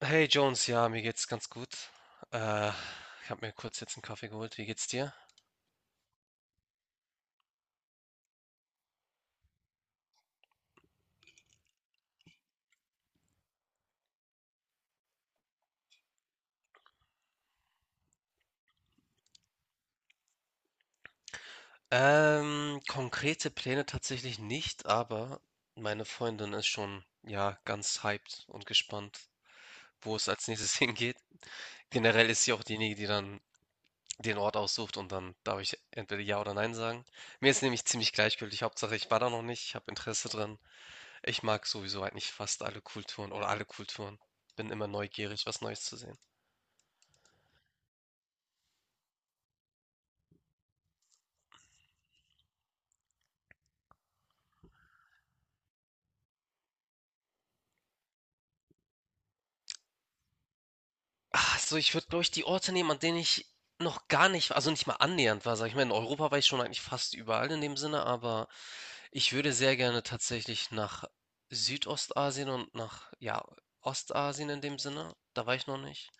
Hey Jones, ja, mir geht's ganz gut. Äh, ich habe mir kurz jetzt einen Kaffee geholt. Wie geht's dir? Konkrete Pläne tatsächlich nicht, aber meine Freundin ist schon, ja, ganz hyped und gespannt, wo es als nächstes hingeht. Generell ist sie auch diejenige, die dann den Ort aussucht und dann darf ich entweder Ja oder Nein sagen. Mir ist nämlich ziemlich gleichgültig. Hauptsache, ich war da noch nicht, ich habe Interesse dran. Ich mag sowieso eigentlich fast alle Kulturen oder alle Kulturen. Bin immer neugierig, was Neues zu sehen. Ach so, ich würde, glaube ich, die Orte nehmen, an denen ich noch gar nicht, also nicht mal annähernd war, sag ich mal. In Europa war ich schon eigentlich fast überall in dem Sinne, aber ich würde sehr gerne tatsächlich nach Südostasien und nach, ja, Ostasien in dem Sinne. Da war ich noch nicht.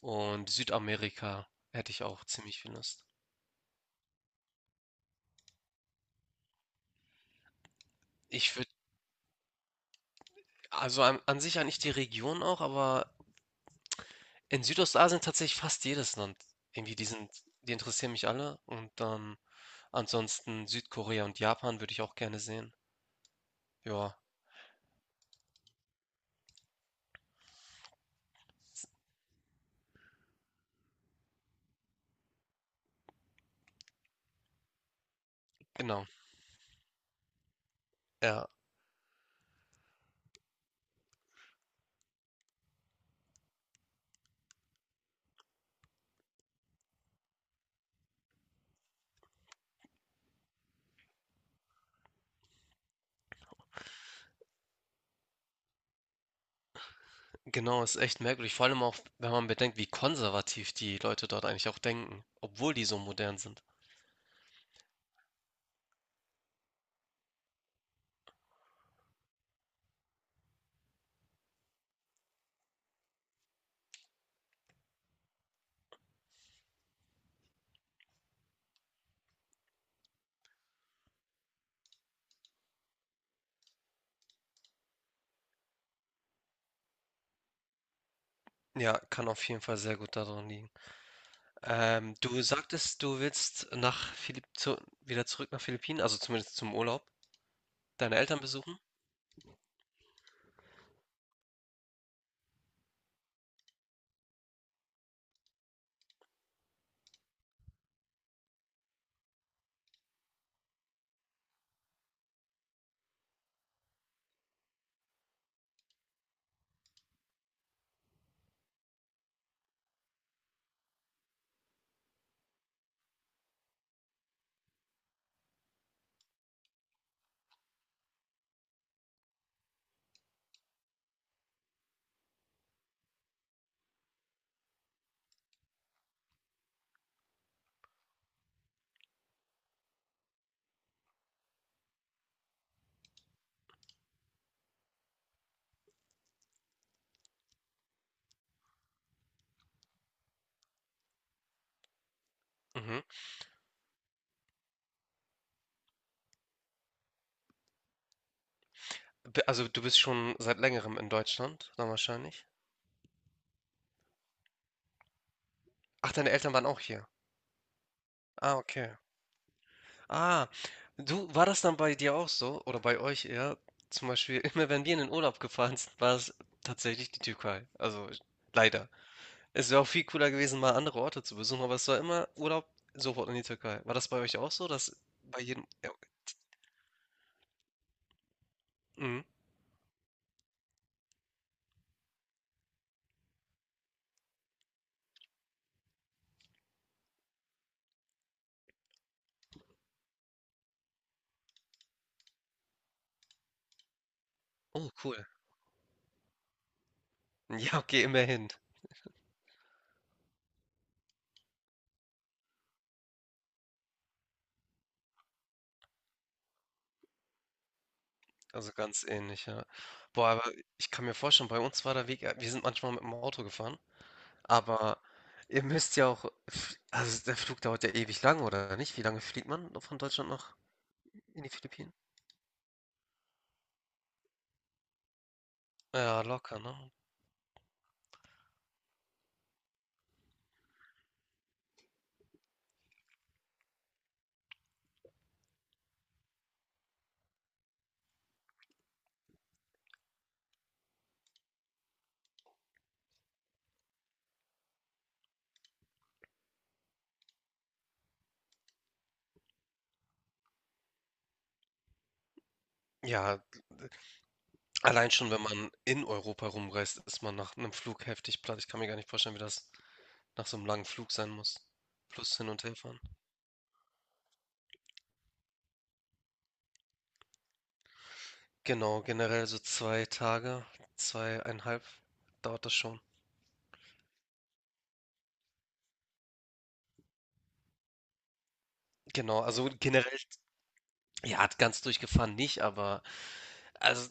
Und Südamerika hätte ich auch ziemlich viel Lust. Ich würde, also an sich eigentlich die Region auch, aber in Südostasien tatsächlich fast jedes Land. Irgendwie, die sind, die interessieren mich alle. Und dann ansonsten Südkorea und Japan würde ich auch gerne sehen. Ja, s- genau. Ja, genau, ist echt merkwürdig. Vor allem auch, wenn man bedenkt, wie konservativ die Leute dort eigentlich auch denken, obwohl die so modern sind. Ja, kann auf jeden Fall sehr gut daran liegen. Du sagtest, du willst nach Philipp zu wieder zurück nach Philippinen, also zumindest zum Urlaub, deine Eltern besuchen. Mhm. Also du bist schon seit längerem in Deutschland, dann wahrscheinlich. Ach, deine Eltern waren auch hier. Ah, okay. Ah, du, war das dann bei dir auch so? Oder bei euch eher? Zum Beispiel, immer wenn wir in den Urlaub gefahren sind, war es tatsächlich die Türkei. Also leider. Es wäre auch viel cooler gewesen, mal andere Orte zu besuchen, aber es war immer Urlaub sofort in die Türkei. War das bei euch auch so, dass Ja, okay. Mhm. Oh, cool. Ja, okay, immerhin. Also ganz ähnlich, ja. Boah, aber ich kann mir vorstellen, bei uns war der Weg, wir sind manchmal mit dem Auto gefahren, aber ihr müsst ja auch, also der Flug dauert ja ewig lang, oder nicht? Wie lange fliegt man von Deutschland nach in die Philippinen? Ja, locker, ne? Ja, allein schon, wenn man in Europa rumreist, ist man nach einem Flug heftig platt. Ich kann mir gar nicht vorstellen, wie das nach so einem langen Flug sein muss. Plus hin und her fahren. Genau, generell so zwei Tage, zweieinhalb dauert das schon. Genau, also generell. Ja, ganz durchgefahren nicht, aber also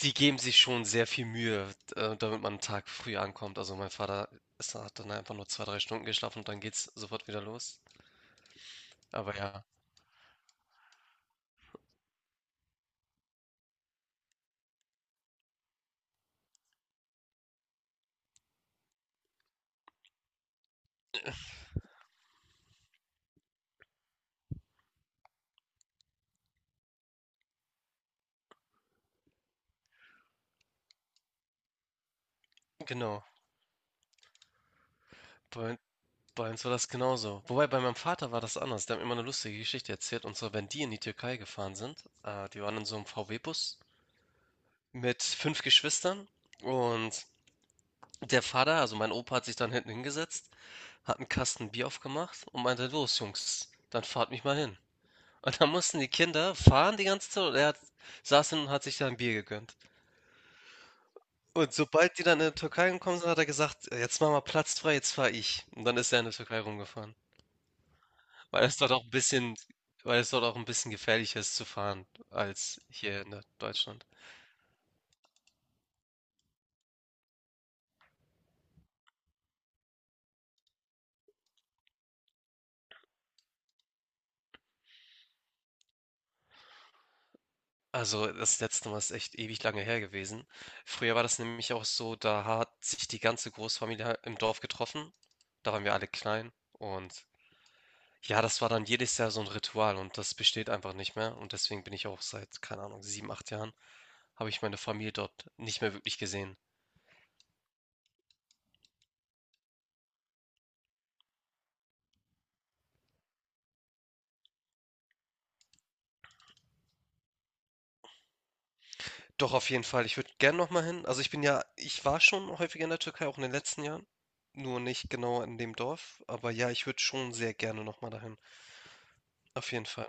die geben sich schon sehr viel Mühe, damit man einen Tag früh ankommt. Also mein Vater hat dann einfach nur 2, 3 Stunden geschlafen und dann geht's sofort wieder los. Aber ja, genau. Bei, bei uns war das genauso. Wobei bei meinem Vater war das anders. Der hat mir immer eine lustige Geschichte erzählt. Und zwar, wenn die in die Türkei gefahren sind, die waren in so einem VW-Bus mit 5 Geschwistern. Und Der Vater, also mein Opa, hat sich dann hinten hingesetzt, hat einen Kasten Bier aufgemacht und meinte: „Los Jungs, dann fahrt mich mal hin.“ Und dann mussten die Kinder fahren die ganze Zeit und er hat saß hin und hat sich da ein Bier gegönnt. Und sobald die dann in die Türkei gekommen sind, hat er gesagt: „Jetzt mach mal Platz frei, jetzt fahre ich.“ Und dann ist er in der Türkei rumgefahren, weil es dort auch ein bisschen weil es dort auch ein bisschen gefährlicher ist zu fahren als hier in Deutschland. Also, das letzte Mal ist echt ewig lange her gewesen. Früher war das nämlich auch so, da hat sich die ganze Großfamilie halt im Dorf getroffen. Da waren wir alle klein und ja, das war dann jedes Jahr so ein Ritual und das besteht einfach nicht mehr und deswegen bin ich auch seit, keine Ahnung, 7, 8 Jahren habe ich meine Familie dort nicht mehr wirklich gesehen. Doch auf jeden Fall, ich würde gerne noch mal hin. Also ich bin ja, ich war schon häufiger in der Türkei, auch in den letzten Jahren, nur nicht genau in dem Dorf, aber ja, ich würde schon sehr gerne noch mal dahin. Auf jeden Fall.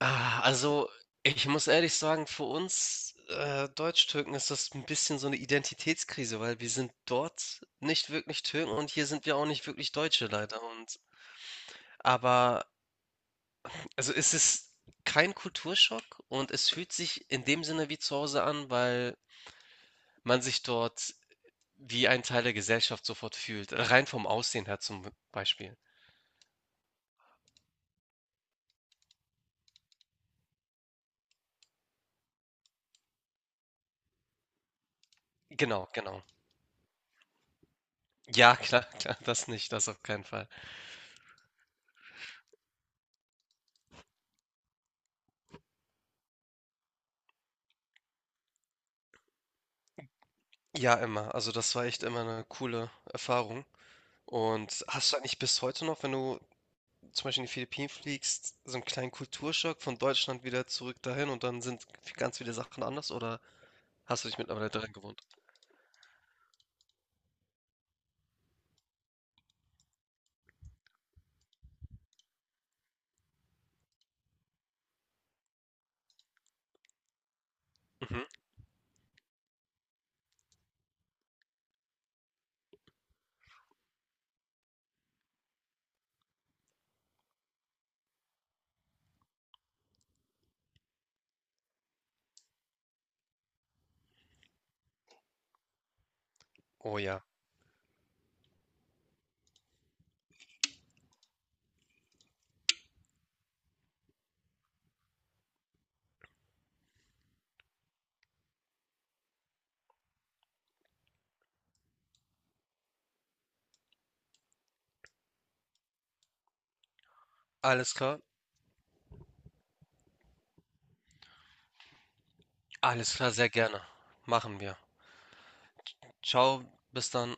Ah, also, ich muss ehrlich sagen, für uns, Türken ist das ein bisschen so eine Identitätskrise, weil wir sind dort nicht wirklich Türken und hier sind wir auch nicht wirklich Deutsche leider und aber also, es ist kein Kulturschock und es fühlt sich in dem Sinne wie zu Hause an, weil man sich dort wie ein Teil der Gesellschaft sofort fühlt, rein vom Aussehen her zum Beispiel. Genau, genau. Ja, klar, klar, das nicht, das auf keinen Fall. Ja, immer. Also, das war echt immer eine coole Erfahrung. Und hast du eigentlich bis heute noch, wenn du zum Beispiel in die Philippinen fliegst, so einen kleinen Kulturschock von Deutschland wieder zurück dahin und dann sind ganz viele Sachen anders oder hast du dich mittlerweile daran gewohnt? Mhm. Oh ja. Alles klar. Alles klar, sehr gerne. Machen wir. Ciao, bis dann.